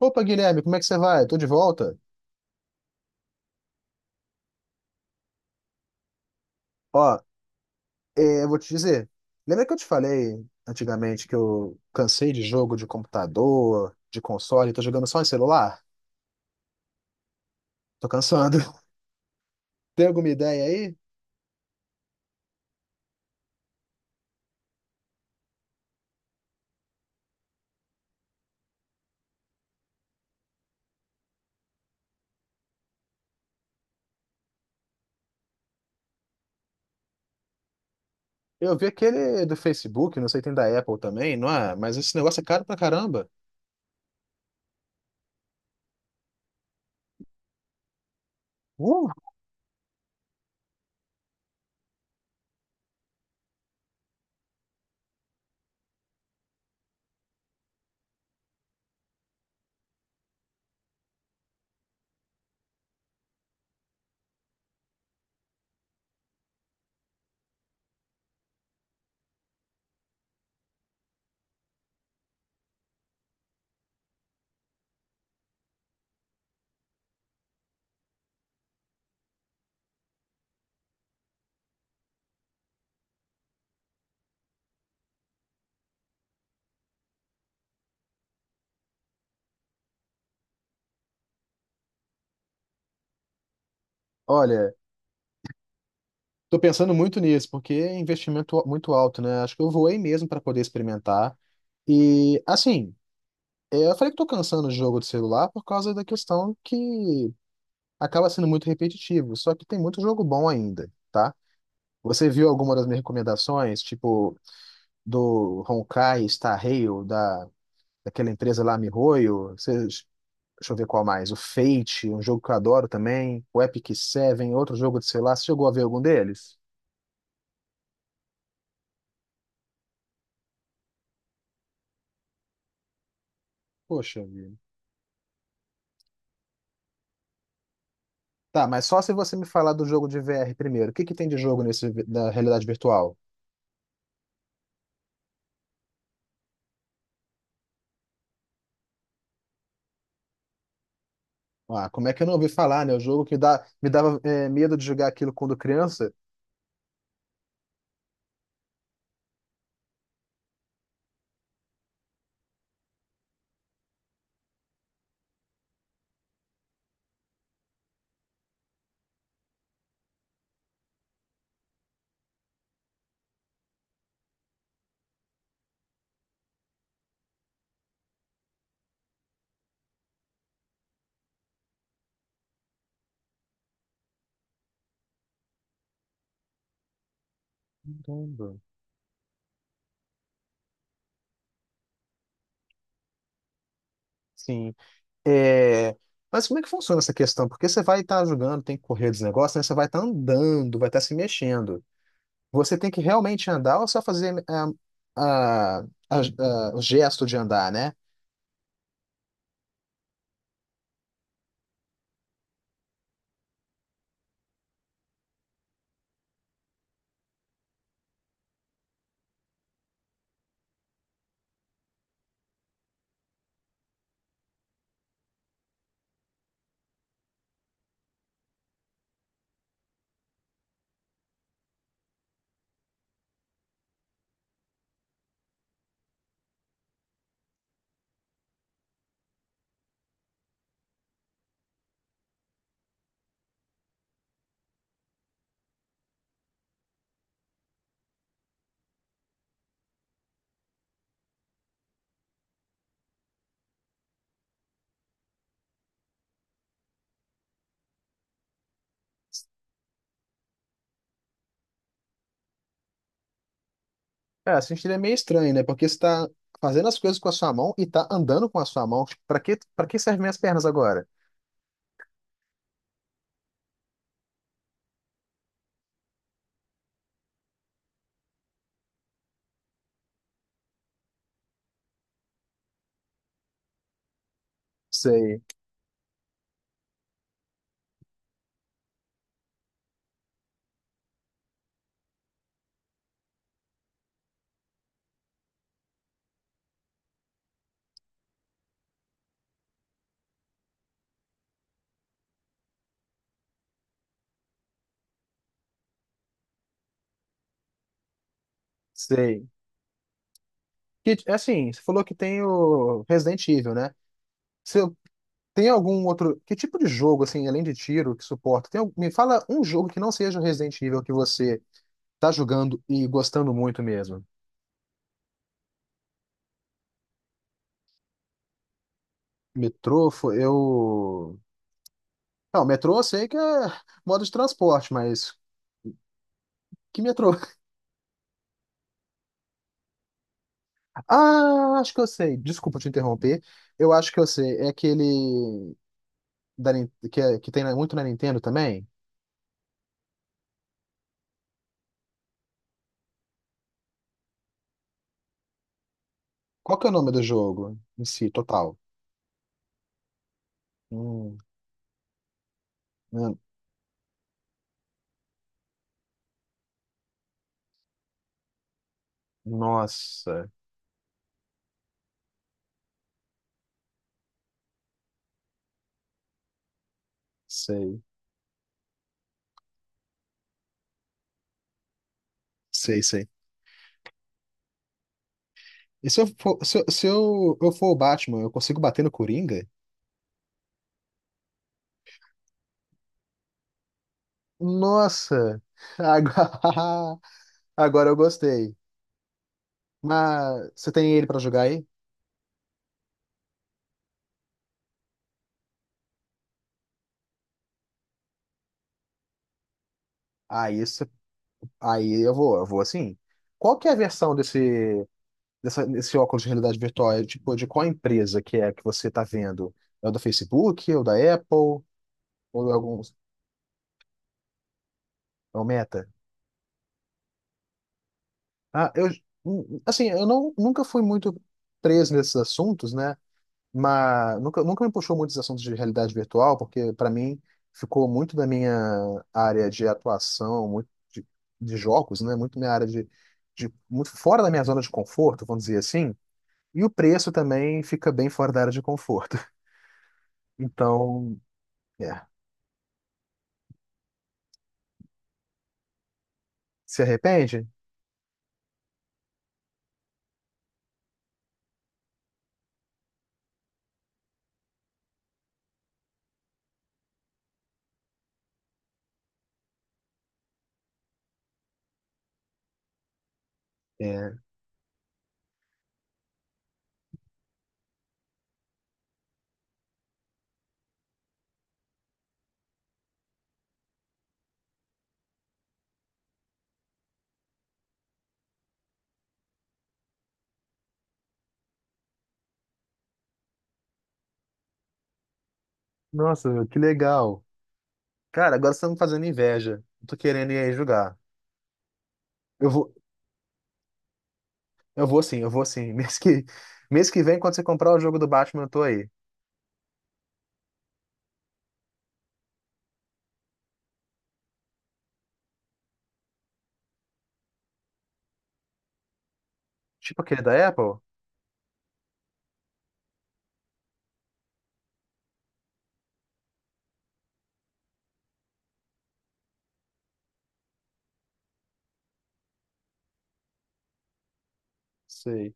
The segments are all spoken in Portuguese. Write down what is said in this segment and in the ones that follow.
Opa, Guilherme, como é que você vai? Tô de volta. Ó, eu vou te dizer. Lembra que eu te falei antigamente que eu cansei de jogo de computador, de console, tô jogando só em celular? Tô cansando. Tem alguma ideia aí? Eu vi aquele do Facebook, não sei, tem da Apple também, não é? Mas esse negócio é caro pra caramba. Uh, olha, tô pensando muito nisso, porque é investimento muito alto, né? Acho que eu voei mesmo para poder experimentar. E, assim, eu falei que tô cansando do jogo de celular por causa da questão que acaba sendo muito repetitivo, só que tem muito jogo bom ainda, tá? Você viu alguma das minhas recomendações, tipo do Honkai Star Rail, daquela empresa lá MiHoYo, Você, deixa eu ver qual mais, o Fate, um jogo que eu adoro também, o Epic Seven, outro jogo de celular, você chegou a ver algum deles? Poxa vida. Tá, mas só se você me falar do jogo de VR primeiro. O que que tem de jogo nesse da realidade virtual? Ah, como é que eu não ouvi falar, né? O jogo que dá, me dava medo de jogar aquilo quando criança. Caramba. Sim. É, mas como é que funciona essa questão? Porque você vai estar jogando, tem que correr dos negócios, né? Você vai estar andando, vai estar se mexendo. Você tem que realmente andar ou só fazer ah, o gesto de andar, né? Cara, assim seria meio estranho, né? Porque você está fazendo as coisas com a sua mão e está andando com a sua mão. Para que servem minhas pernas agora? Sei, sei. Que, assim, você falou que tem o Resident Evil, né? Se Tem algum outro. Que tipo de jogo, assim, além de tiro, que suporta? Me fala um jogo que não seja o Resident Evil que você tá jogando e gostando muito mesmo. Metrô, fo- eu. Não, metrô eu sei que é modo de transporte, mas. Que metrô? Ah, acho que eu sei. Desculpa te interromper. Eu acho que eu sei. É aquele. Que, que muito na Nintendo também? Qual que é o nome do jogo em si, total? Hum, hum, nossa, sei. Sei, sei. E se eu for, se, eu, se eu- eu for o Batman, eu consigo bater no Coringa? Nossa! Agora, agora eu gostei. Mas você tem ele pra jogar aí? Aí, isso, aí eu vou assim. Qual que é a versão desse, desse óculos de realidade virtual? É, tipo, de qual empresa que é que você tá vendo? É o da Facebook, ou da Apple, ou de alguns, é o Meta? Ah, eu, assim, eu não, nunca fui muito preso nesses assuntos, né? Mas nunca me puxou muito esse assunto de realidade virtual, porque para mim ficou muito da minha área de atuação, muito de jogos, né? Muito minha área de muito fora da minha zona de conforto, vamos dizer assim. E o preço também fica bem fora da área de conforto. Então, é. Se arrepende? É. Nossa, que legal. Cara, agora você tá me fazendo inveja. Eu Tô querendo ir aí jogar. Eu vou, eu vou sim. Mês que vem, quando você comprar o jogo do Batman, eu tô aí. Tipo aquele da Apple? Sei.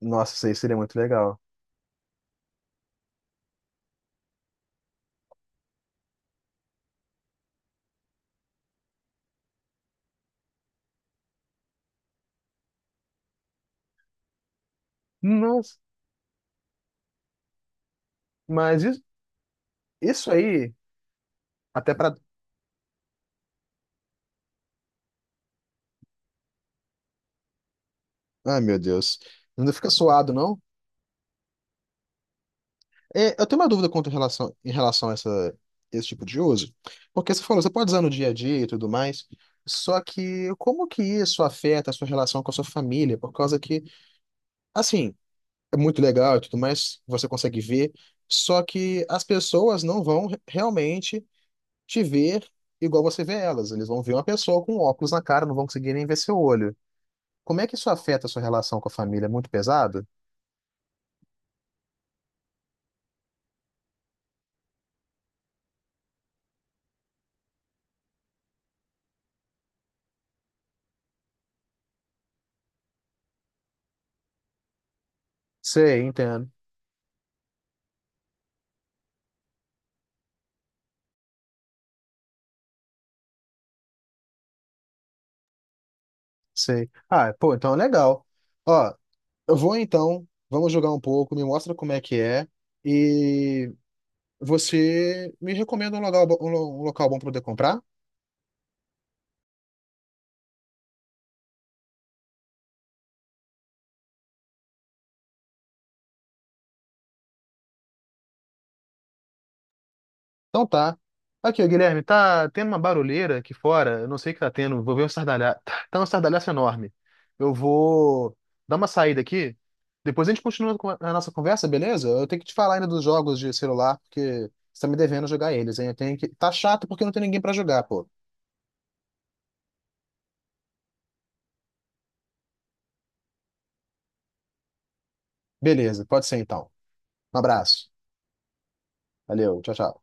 Nossa, isso aí seria muito legal. Nossa, mas isso, isso aí, até pra. Ai, meu Deus. Não fica suado, não? É, eu tenho uma dúvida quanto em relação a essa, esse tipo de uso. Porque você falou, você pode usar no dia a dia e tudo mais. Só que como que isso afeta a sua relação com a sua família? Por causa que, assim, é muito legal e tudo mais, você consegue ver. Só que as pessoas não vão re- realmente te ver igual você vê elas. Eles vão ver uma pessoa com óculos na cara, não vão conseguir nem ver seu olho. Como é que isso afeta a sua relação com a família? É muito pesado? Sei, entendo. Sei. Ah, pô, então é legal. Ó, eu vou então, vamos jogar um pouco, me mostra como é que é e você me recomenda um local, um local bom para poder comprar? Então tá. Aqui, ó, Guilherme, tá tendo uma barulheira aqui fora. Eu não sei o que tá tendo. Vou ver um estardalhaço. Tá um estardalhaço enorme. Eu vou dar uma saída aqui. Depois a gente continua com a nossa conversa, beleza? Eu tenho que te falar ainda dos jogos de celular, porque você tá me devendo jogar eles, hein? Eu tenho que... Tá chato porque não tem ninguém pra jogar, pô. Beleza, pode ser então. Um abraço. Valeu, tchau, tchau.